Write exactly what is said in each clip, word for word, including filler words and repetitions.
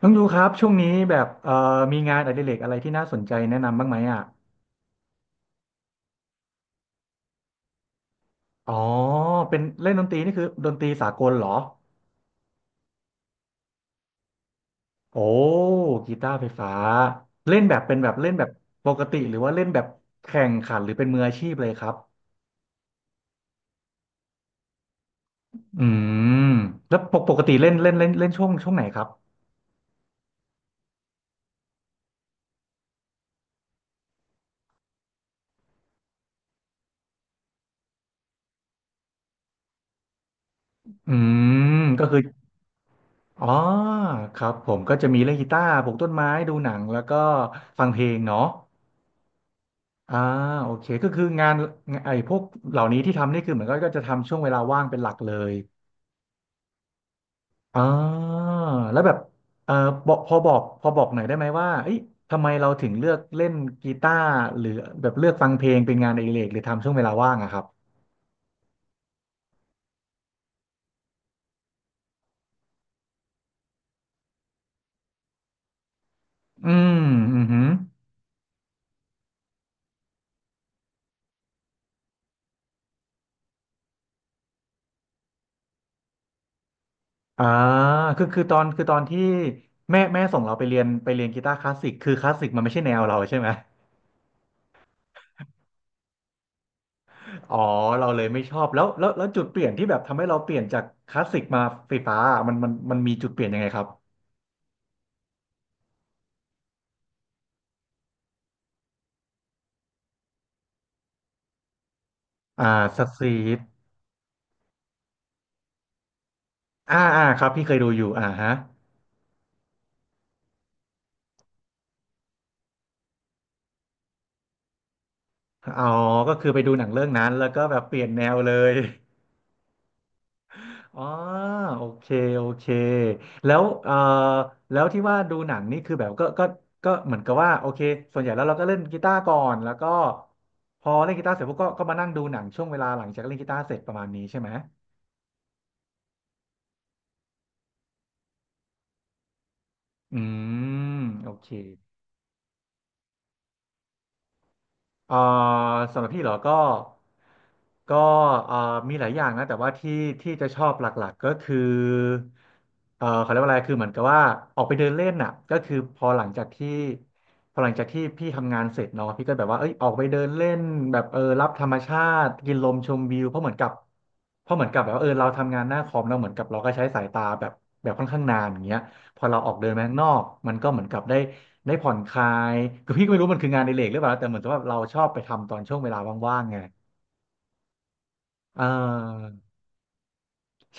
น้องดูครับช่วงนี้แบบเอ่อมีงานอดิเรกอะไรที่น่าสนใจแนะนำบ้างไหมอ่ะอ๋อเป็นเล่นดนตรีนี่คือดนตรีสากลเหรอโอ้กีตาร์ไฟฟ้าเล่นแบบเป็นแบบเล่นแบบปกติหรือว่าเล่นแบบแข่งขันหรือเป็นมืออาชีพเลยครับอืมแล้วปกปกติเล่นเล่นเล่นเล่นช่วงช่วงไหนครับอืมก็คืออ๋อครับผมก็จะมีเล่นกีตาร์ปลูกต้นไม้ดูหนังแล้วก็ฟังเพลงเนาะ อ่าโอเคก็คืองานไอ้พวกเหล่านี้ที่ทำนี่คือเหมือนก็ก็จะทำช่วงเวลาว่างเป็นหลักเลยอ่าแล้วแบบเออบอกพอบอกพอบอกหน่อยได้ไหมว่าเอ้ยทำไมเราถึงเลือกเล่นกีตาร์หรือแบบเลือกฟังเพลงเป็นงานอดิเรกหรือทำช่วงเวลาว่างอะครับอืมอือหืออ่าคือคือตอนคือตอนที่แม่แม่ส่งเราไปเรียนไปเรียนกีตาร์คลาสสิกคือคลาสสิกมันไม่ใช่แนวเราใช่ไหม อ๋อเราเลยไม่ชอบแล้วแล้วแล้วจุดเปลี่ยนที่แบบทำให้เราเปลี่ยนจากคลาสสิกมาไฟฟ้าอะมันมันมันมีจุดเปลี่ยนยังไงครับอ่าสตรีทอ่าอ่าครับพี่เคยดูอยู่อ่าฮะอ๋อก็คือไปดูหนังเรื่องนั้นแล้วก็แบบเปลี่ยนแนวเลย อ๋อโอเคโอเคแล้วเอ่อแล้วที่ว่าดูหนังนี่คือแบบก็ก็ก็เหมือนกับว่าโอเคส่วนใหญ่แล้วเราก็เล่นกีตาร์ก่อนแล้วก็พอเล่นกีตาร์เสร็จพวกก็ก็มานั่งดูหนังช่วงเวลาหลังจากเล่นกีตาร์เสร็จประมาณนี้ใช่ไหมอืมโอเค เอ่อสำหรับพี่เหรอก็ก็เอ่อมีหลายอย่างนะแต่ว่าที่ที่จะชอบหลักๆก็คือเอ่อเขาเรียกว่าอะไรคือเหมือนกับว่าออกไปเดินเล่นน่ะก็คือพอหลังจากที่พอหลังจากที่พี่ทำงานเสร็จเนาะพี่ก็แบบว่าเอ้ยออกไปเดินเล่นแบบเออรับธรรมชาติกินลมชมวิวเพราะเหมือนกับเพราะเหมือนกับแบบว่าเออเราทำงานหน้าคอมเราเหมือนกับเราก็ใช้สายตาแบบแบบค่อนข้างนานอย่างเงี้ยพอเราออกเดินไปข้างนอกมันก็เหมือนกับได้ ได้ผ่อนคลายคือพี่ก็ไม่รู้มันคืองานในเลกหรือเปล่าแต่เหมือนกับว่าเราชอบไปทำตอนช่วงเวลาว่างๆไงเออ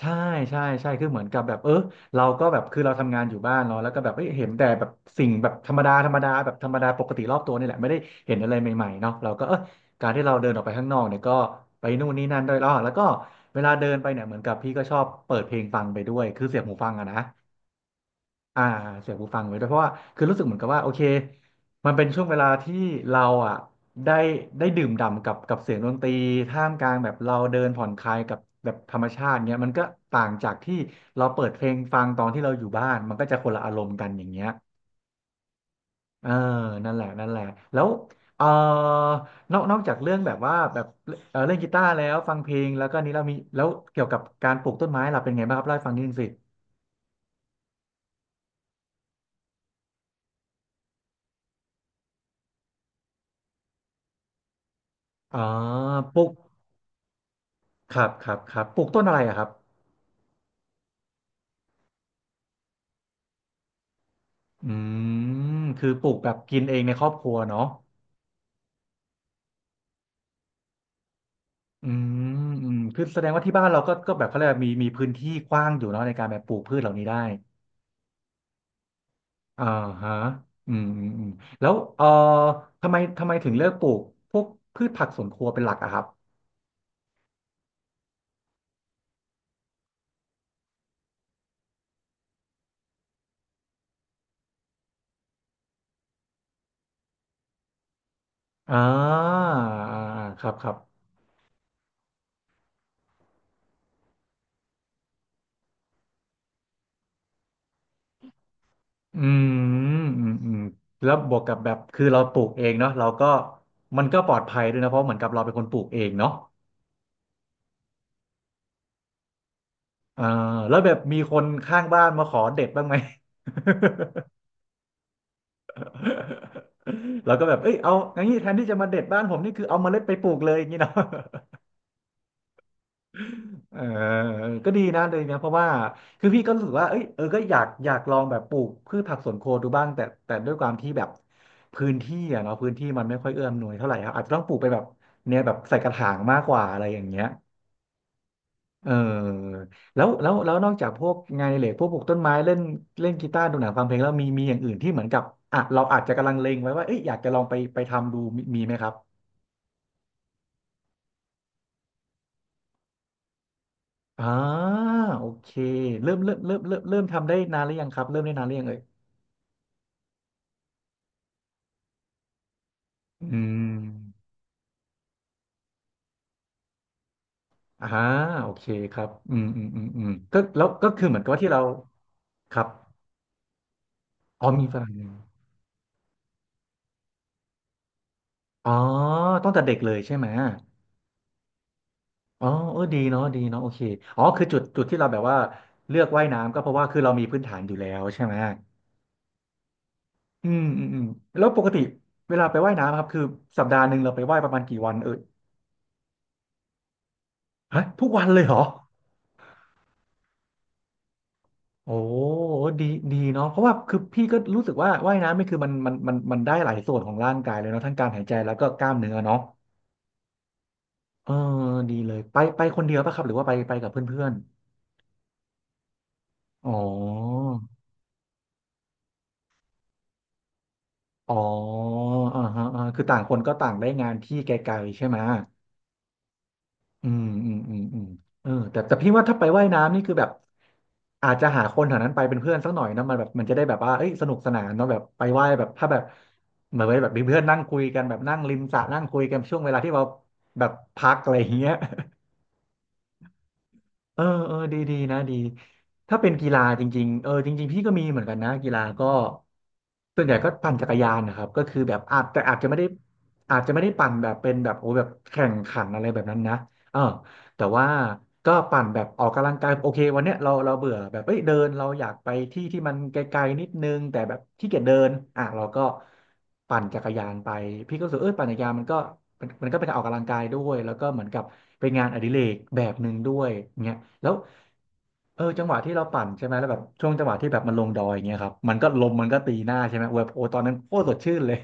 ใช่ใช่ใช่คือเหมือนกับแบบเออเราก็แบบคือเราทำงานอยู่บ้านเนาะแล้วก็แบบเอ้ยเห็นแต่แบบสิ่งแบบธรรมดาธรรมดาแบบธรรมดาปกติรอบตัวนี่แหละไม่ได้เห็นอะไรใหม่ๆเนาะเราก็เออการที่เราเดินออกไปข้างนอกเนี่ยก็ไปนู่นนี่นั่นด้วยแล้วแล้วก็เวลาเดินไปเนี่ยเหมือนกับพี่ก็ชอบเปิดเพลงฟังไปด้วยคือเสียบหูฟังอะนะ อ่าเสียงหูฟังไว้ด้วยเพราะว่าคือรู้สึกเหมือนกับว่าโอเคมันเป็นช่วงเวลาที่เราอ่ะได้ได้ดื่มด่ำกับกับเสียงดนตรีท่ามกลางแบบเราเดินผ่อนคลายกับแบบธรรมชาติเงี้ยมันก็ต่างจากที่เราเปิดเพลงฟังตอนที่เราอยู่บ้านมันก็จะคนละอารมณ์กันอย่างเงี้ยเออนั่นแหละนั่นแหละแล้วเออนอกนอกจากเรื่องแบบว่าแบบเออเล่นกีตาร์แล้วฟังเพลงแล้วก็นี้เรามีแล้วเกี่ยวกับการปลูกต้นไม้ล่ะเป็นไงบ้างครับเล่าให้ฟังนิดนึงสิอ๋อปลูกครับครับครับปลูกต้นอะไรอะครับ อืม คือปลูกแบบกินเองในครอบครัวเนาะอืมอืม คือแสดงว่าที่บ้านเราก็ก็แบบเขาเรียกว่ามีมีพื้นที่กว้างอยู่เนาะในการแบบปลูกพืชเหล่านี้ได้อ่าฮะอืมอืมอืมแล้วเอ่อทำไมทำไมถึงเลือกปลูกพวกพืชผักสวนครัวเป็นหลักอะครับอ่าอ่าอ่าครับครับอืมอืมอืมแล้วบวกกับแบบคือเราปลูกเองเนาะเราก็มันก็ปลอดภัยด้วยนะเพราะเหมือนกับเราเป็นคนปลูกเองเนาะ เออแล้วแบบมีคนข้างบ้านมาขอเด็ดบ้างไหม แราก็แบบเอ้ยเอาอย่างนี้แทนที่จะมาเด็ดบ้านผมนี่คือเอาเมล็ดไปปลูกเลย อย่างนี้เนาะ เออก็ดีนะเลยนะเพราะว่าคือพี่ก็รู้สึกว่าเอ้ยเออก็อยากอยากลองแบบปลูกพืชผักสวนครัวดูบ้างแต่แต่ด้วยความที่แบบพื้นที่อะเนาะพื้นที่มันไม่ค่อยเอื้ออำนวยเท่าไหร่ครับอาจจะต้องปลูกไปแบบเนี่ยแบบใส่กระถางมากกว่าอะไรอย่างเงี้ย เออแล้วแล้วแล้วนอกจากพวกงานอดิเรกพวกปลูกต้นไม้เล่นเล่นกีตาร์ดูหนังฟังเพลงแล้วมีมีอย่างอื่นที่เหมือนกับอ่ะเราอาจจะกำลังเลงไว้ว่าเอ้ยอยากจะลองไปไปทำดูมีมีไหมครับอ่าโอเคเริ่มเริ่มเริ่มเริ่มเริ่มทำได้นานหรือยังครับเริ่มได้นานหรือยังเอ่ยอืมอ่าโอเคครับอืมอืมอืมอืมก็แล้วก็คือเหมือนกับว่าที่เราครับอ๋อมีฝรั่งอ๋อตั้งแต่เด็กเลยใช่ไหม อ๋อเออดีเนาะดีเนาะโอเค อ๋อ คือจุด จุดที่เราแบบว่าเลือกว่ายน้ำก็เพราะว่าคือเรามีพื้นฐานอยู่แล้วใช่ไหม อืมอืมอืมแล้วปกติเวลาไปว่ายน้ำครับคือสัปดาห์หนึ่งเราไปว่ายประมาณกี่วันเออฮะทุกวันเลยเหรอโอ้ดี ดีเนาะ เพราะว่าคือพี่ก็รู้สึกว่าว่ายน้ำนี่คือมันมันมันมันได้หลายส่วนของร่างกายเลยเนาะทั้งการหายใจแล้วก็กล้ามเนื้อเนาะเออดีเลยไปไปคนเดียวป่ะครับหรือว่าไปไปกับเพื่อนๆอ๋อ อ๋ออ่าฮะอ่าคือต่างคนก็ต่างได้งานที่ไกลๆใช่ไหมอืมอืมอืมอืมเออแต่แต่พี่ว่าถ้าไปว่ายน้ำนี่คือแบบอาจจะหาคนแถวนั้นไปเป็นเพื่อนสักหน่อยนะมันแบบมันจะได้แบบว่าเอ้ยสนุกสนานเนาะแบบไปว่ายแบบถ้าแบบเหมือนไว้แบบมีเพื่อนนั่งคุยกันแบบนั่งริมสระนั่งคุยกันช่วงเวลาที่เราแบบพักอะไรอย่างเงี้ย เออเออดีดีนะดีถ้าเป็นกีฬาจริงๆเออจริงๆพี่ก็มีเหมือนกันนะกีฬาก็ส่วนใหญ่ก็ปั่นจักรยานนะครับก็คือแบบอาจแต่อาจจะไม่ได้อาจจะไม่ได้ปั่นแบบเป็นแบบโอ้แบบแข่งขันอะไรแบบนั้นนะเออ แต่ว่าก็ปั่นแบบออกกำลังกายโอเควันเนี้ยเราเราเบื่อแบบเอ้ยเดินเราอยากไปที่ที่มันไกลๆนิดนึงแต่แบบขี้เกียจเดินอ่ะเราก็ปั่นจักรยานไปพี่ก็รู้สึกเออปั่นจักรยานมันก็มันมันก็เป็นการออกกำลังกายด้วยแล้วก็เหมือนกับเป็นงานอดิเรกแบบหนึ่งด้วยเงี้ยแล้วเออจังหวะที่เราปั่นใช่ไหมแล้วแบบช่วงจังหวะที่แบบมันลงดอยอย่างเงี้ยครับมันก็ลมมันก็ตีหน้าใช่ไหมเว้ยโอ้ตอนนั้นโคตรสดชื่นเลย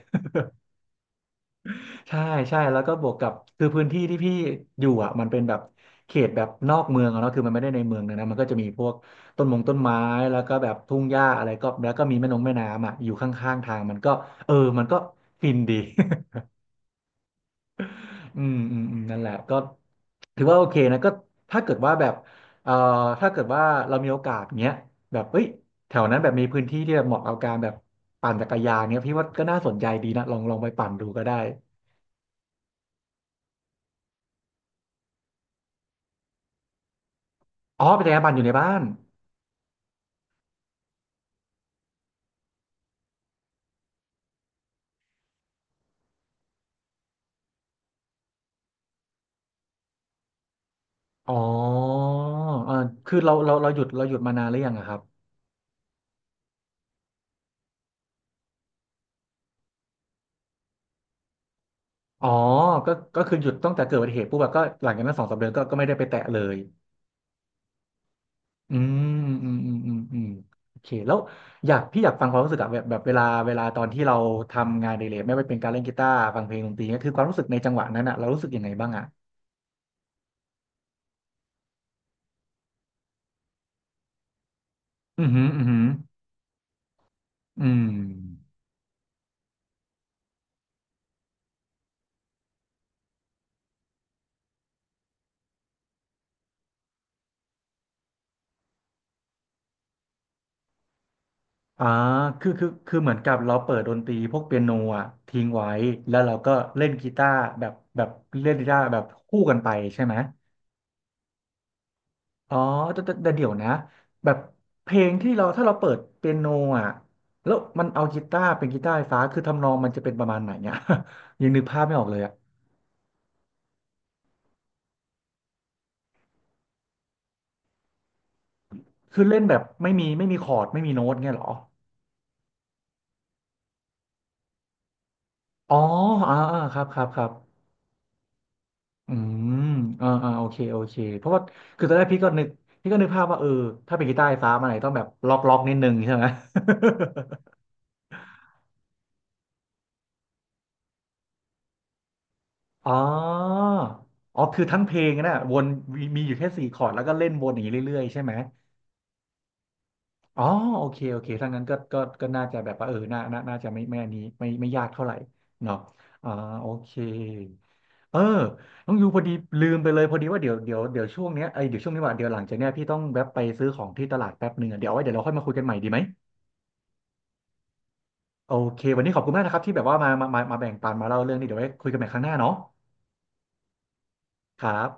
ใช่ใช่แล้วก็บวกกับคือพื้นที่ที่พี่อยู่อ่ะมันเป็นแบบเขตแบบนอกเมืองอะเนาะคือมันไม่ได้ในเมืองนะนะมันก็จะมีพวกต้นมงต้นไม้แล้วก็แบบทุ่งหญ้าอะไรก็แล้วก็มีแม่นงแม่น้ำอ่ะอยู่ข้างๆทางมันก็เออมันก็ฟินดี อืมอืมอืมนั่นแหละก็ถือว่าโอเคนะก็ถ้าเกิดว่าแบบเอ่อถ้าเกิดว่าเรามีโอกาสเงี้ยแบบเอ้ยแถวนั้นแบบมีพื้นที่ที่แบบเหมาะกับการแบบปั่นจักรยานเงี้ยพี่ว่าก็น่าสนใจดีนะลองลองไปปั่นดูก็ได้อ๋อเป็นจักรยานปั่นอยู่ในบ้าน อ๋อเออคือเราเราเราหยุดเราหยุดมานานหรือยังอะครับ อ๋อ ก็ก็คือหยุดตั้งแต่เกิดอุบัติเหตุปุ๊บอะก็หลังจากนั้นสองสามเดือนก็ก็ไม่ได้ไปแตะเลยอืมอืมอืมอืมอืมโอเคแล้วอยากพี่อยากฟังความรู้สึกอะแบบแบบเวลาเวลาตอนที่เราทำงานอดิเรกไม่ว่าเป็นการเล่นกีตาร์ฟังเพลงดนตรีเนี่ยคือความรู้สึกในจังหวะนั้นอะเรารู้สึกยังไงบ้างอะอือหืออือหืออืม อ่าคือคือคือเหมือนกับเราเปิดดนตรีพวกเปียโนอ่ะทิ้งไว้ แล้วเราก็เล่นกีตาร์แบบแบบเล่นกีตาร์แบบคู่กันไปใช่ไหมอ๋อแต่แต่แต่เดี๋ยวนะแบบเพลงที่เราถ้าเราเปิดเปียโนอ่ะแล้วมันเอากีตาร์เป็นกีตาร์ไฟฟ้าคือทำนองมันจะเป็นประมาณไหนเนี่ย ยังนึกภาพไม่ออกเลยอ่ะคือเล่นแบบไม่มีไม่มีคอร์ดไม่มีโน้ตเงี้ยเหรออ๋ออ่าอ่าครับครับครับ อืมอ่าอ่าโอเคโอเคเพราะว่าคือตอนแรกพี่ก็นึกพี่ก็นึกภาพว่าเออถ้าเป็นกีตาร์ไฟฟ้ามันอาจจะต้องแบบล็อกล็อกนิดนึงใช่ไหม อ๋ออ๋อคือทั้งเพลงนะวนมีมีอยู่แค่สี่คอร์ดแล้วก็เล่นวนอย่างนี้เรื่อยๆใช่ไหมอ๋อโอเคโอเคถ้างั้นก็ก็ก็น่าจะแบบว่าเออน่าน่าน่าจะไม่ไม่อันนี้ไม่ไม่ยากเท่าไหร่เนาะอ่าโอเค เออน้องยูพอดีลืมไปเลยพอดีว่าเดี๋ยวเดี๋ยวเดี๋ยวช่วงเนี้ยไอยเดี๋ยวช่วงนี้ว่าเดี๋ยวหลังจากเนี้ยพี่ต้องแวะไปซื้อของที่ตลาดแป๊บหนึ่งอะเดี๋ยวเอาไว้เดี๋ยวเราค่อยมาคุยกันใหม่ดีไหมโอเควันนี้ขอบคุณมากนะครับที่แบบว่ามามามามาแบ่งปันมาเล่าเรื่องนี้เดี๋ยวไว้คุยกันใหม่ครั้งหน้าเนาะครับ